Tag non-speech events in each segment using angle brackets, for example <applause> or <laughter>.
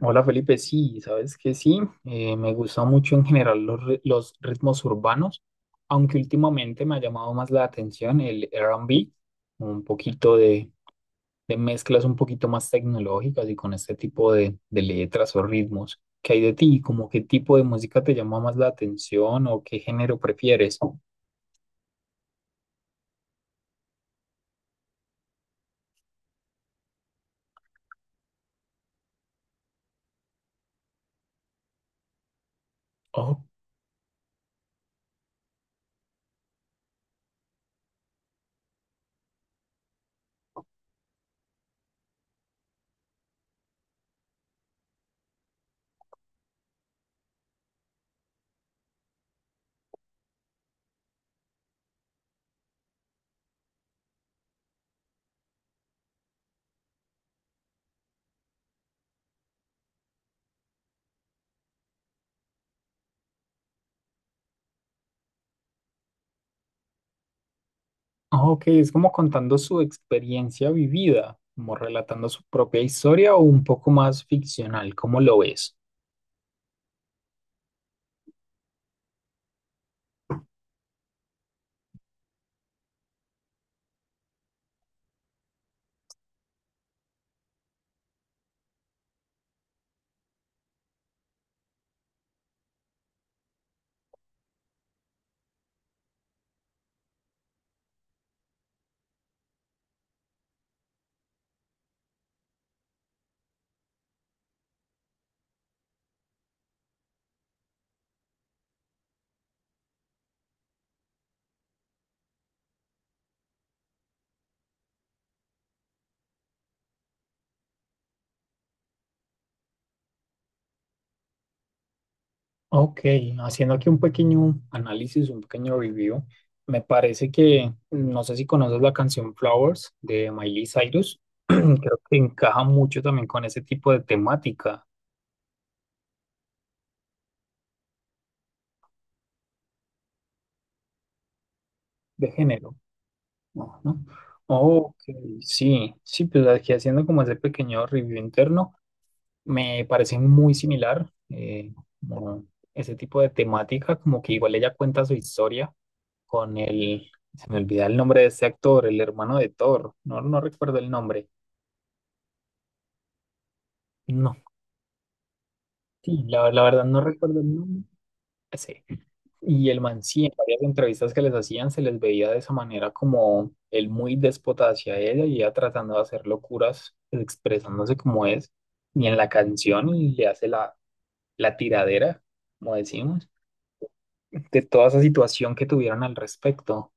Hola Felipe, sí, sabes que sí, me gustan mucho en general los ritmos urbanos, aunque últimamente me ha llamado más la atención el R&B, un poquito de mezclas un poquito más tecnológicas y con este tipo de letras o ritmos. ¿Qué hay de ti? ¿Cómo qué tipo de música te llama más la atención o qué género prefieres? Oh, ah, ok, es como contando su experiencia vivida, como relatando su propia historia o un poco más ficcional, ¿cómo lo ves? Ok, haciendo aquí un pequeño análisis, un pequeño review, me parece que, no sé si conoces la canción Flowers de Miley Cyrus, <clears throat> creo que encaja mucho también con ese tipo de temática de género, ¿no? ¿No? Ok, sí, sí, pues aquí haciendo como ese pequeño review interno, me parece muy similar, como ese tipo de temática, como que igual ella cuenta su historia con el, se me olvida el nombre de ese actor, el hermano de Thor, no, no recuerdo el nombre, no, sí, la verdad no recuerdo el nombre. Sí. Y el man sí, en varias entrevistas que les hacían se les veía de esa manera como él muy déspota hacia ella y ella tratando de hacer locuras, expresándose como es. Y en la canción le hace la tiradera, como decimos, de toda esa situación que tuvieron al respecto.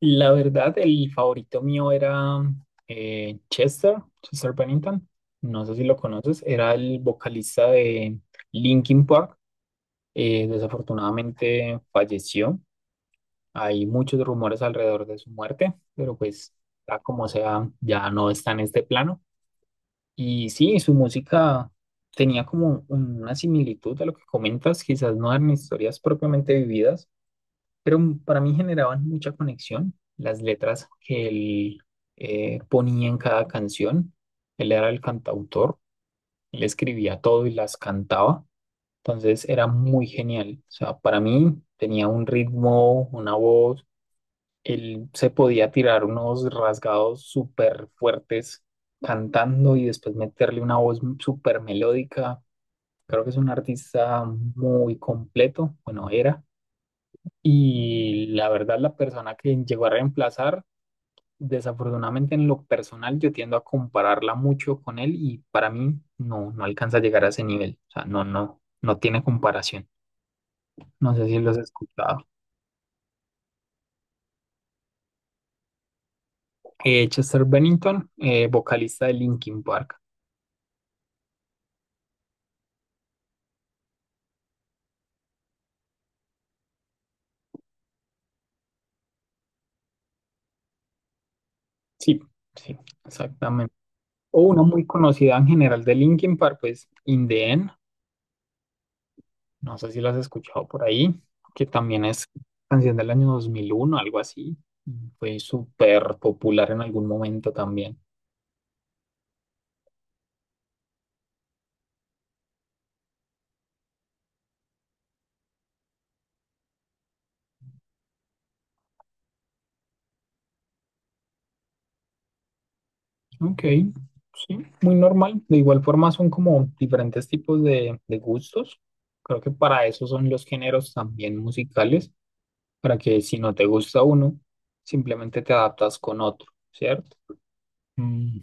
La verdad, el favorito mío era Chester, Chester Bennington. No sé si lo conoces. Era el vocalista de Linkin Park. Desafortunadamente falleció. Hay muchos rumores alrededor de su muerte, pero pues, sea como sea, ya no está en este plano. Y sí, su música tenía como una similitud a lo que comentas, quizás no eran historias propiamente vividas, pero para mí generaban mucha conexión las letras que él ponía en cada canción. Él era el cantautor, él escribía todo y las cantaba, entonces era muy genial. O sea, para mí tenía un ritmo, una voz, él se podía tirar unos rasgados súper fuertes cantando y después meterle una voz súper melódica. Creo que es un artista muy completo, bueno, era. Y la verdad, la persona que llegó a reemplazar, desafortunadamente en lo personal, yo tiendo a compararla mucho con él y para mí no, no alcanza a llegar a ese nivel. O sea, no tiene comparación. No sé si los he escuchado. Chester Bennington, vocalista de Linkin Park. Sí, sí, exactamente. O una muy conocida en general de Linkin Park, pues In The End. No sé si lo has escuchado por ahí, que también es canción del año 2001 algo así. Fue súper popular en algún momento también. Ok, sí, muy normal. De igual forma son como diferentes tipos de gustos. Creo que para eso son los géneros también musicales, para que si no te gusta uno, simplemente te adaptas con otro, ¿cierto? Mm.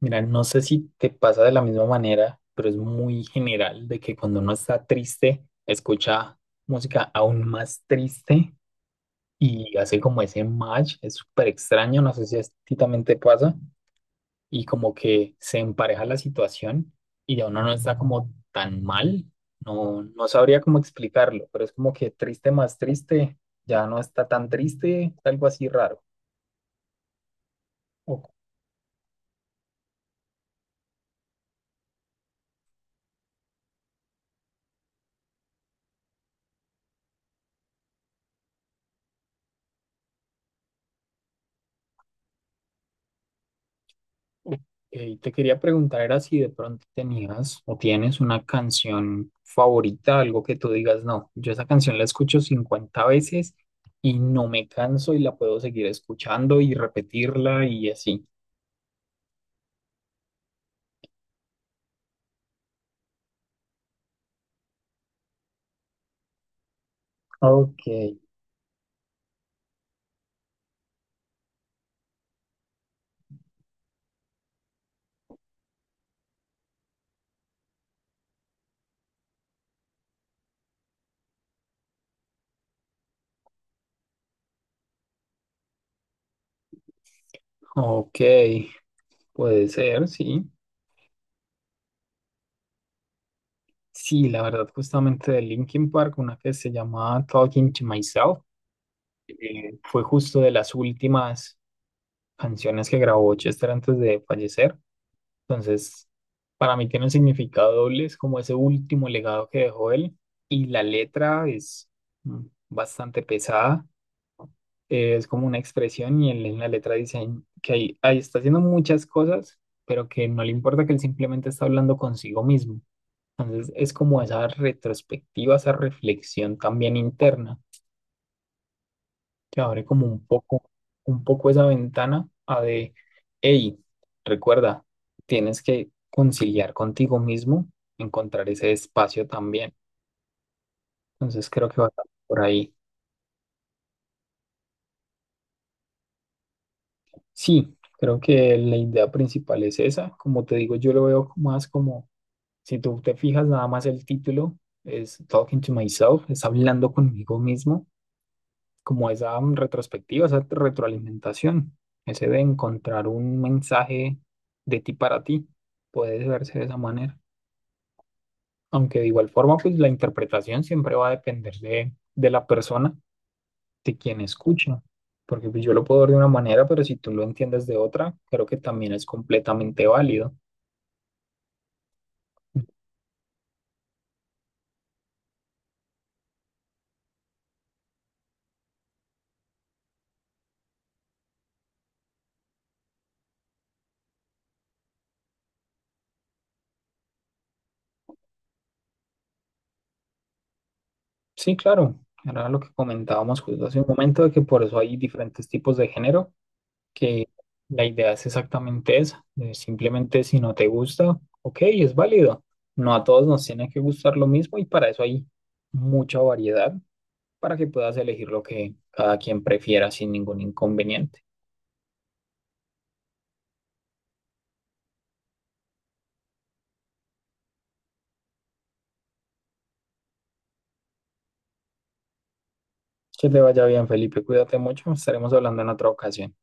Mira, no sé si te pasa de la misma manera, pero es muy general de que cuando uno está triste, escucha música aún más triste y hace como ese match, es súper extraño, no sé si a ti también te pasa, y como que se empareja la situación y ya uno no está como tan mal, no, no sabría cómo explicarlo, pero es como que triste más triste, ya no está tan triste, algo así raro. ¿O ok, te quería preguntar, era si de pronto tenías o tienes una canción favorita, algo que tú digas, no, yo esa canción la escucho 50 veces y no me canso y la puedo seguir escuchando y repetirla y así. Ok, ok, puede ser, sí. Sí, la verdad, justamente de Linkin Park, una que se llama Talking to Myself, fue justo de las últimas canciones que grabó Chester antes de fallecer. Entonces, para mí tiene un significado doble, es como ese último legado que dejó él. Y la letra es mm, bastante pesada, es como una expresión y él en la letra dice que ahí está haciendo muchas cosas, pero que no le importa que él simplemente está hablando consigo mismo. Entonces, es como esa retrospectiva, esa reflexión también interna te abre como un poco esa ventana hey, recuerda, tienes que conciliar contigo mismo, encontrar ese espacio también. Entonces creo que va por ahí. Sí, creo que la idea principal es esa. Como te digo, yo lo veo más como, si tú te fijas, nada más el título es Talking to Myself, es hablando conmigo mismo como esa mm, retrospectiva, esa retroalimentación, ese de encontrar un mensaje de ti para ti, puede verse de esa manera. Aunque de igual forma, pues la interpretación siempre va a depender de la persona, de quien escucha. Porque pues, yo lo puedo ver de una manera, pero si tú lo entiendes de otra, creo que también es completamente válido. Sí, claro. Era lo que comentábamos justo hace un momento, de que por eso hay diferentes tipos de género que la idea es exactamente esa. De simplemente si no te gusta, ok, es válido. No a todos nos tiene que gustar lo mismo y para eso hay mucha variedad para que puedas elegir lo que cada quien prefiera sin ningún inconveniente. Que te vaya bien, Felipe. Cuídate mucho. Estaremos hablando en otra ocasión.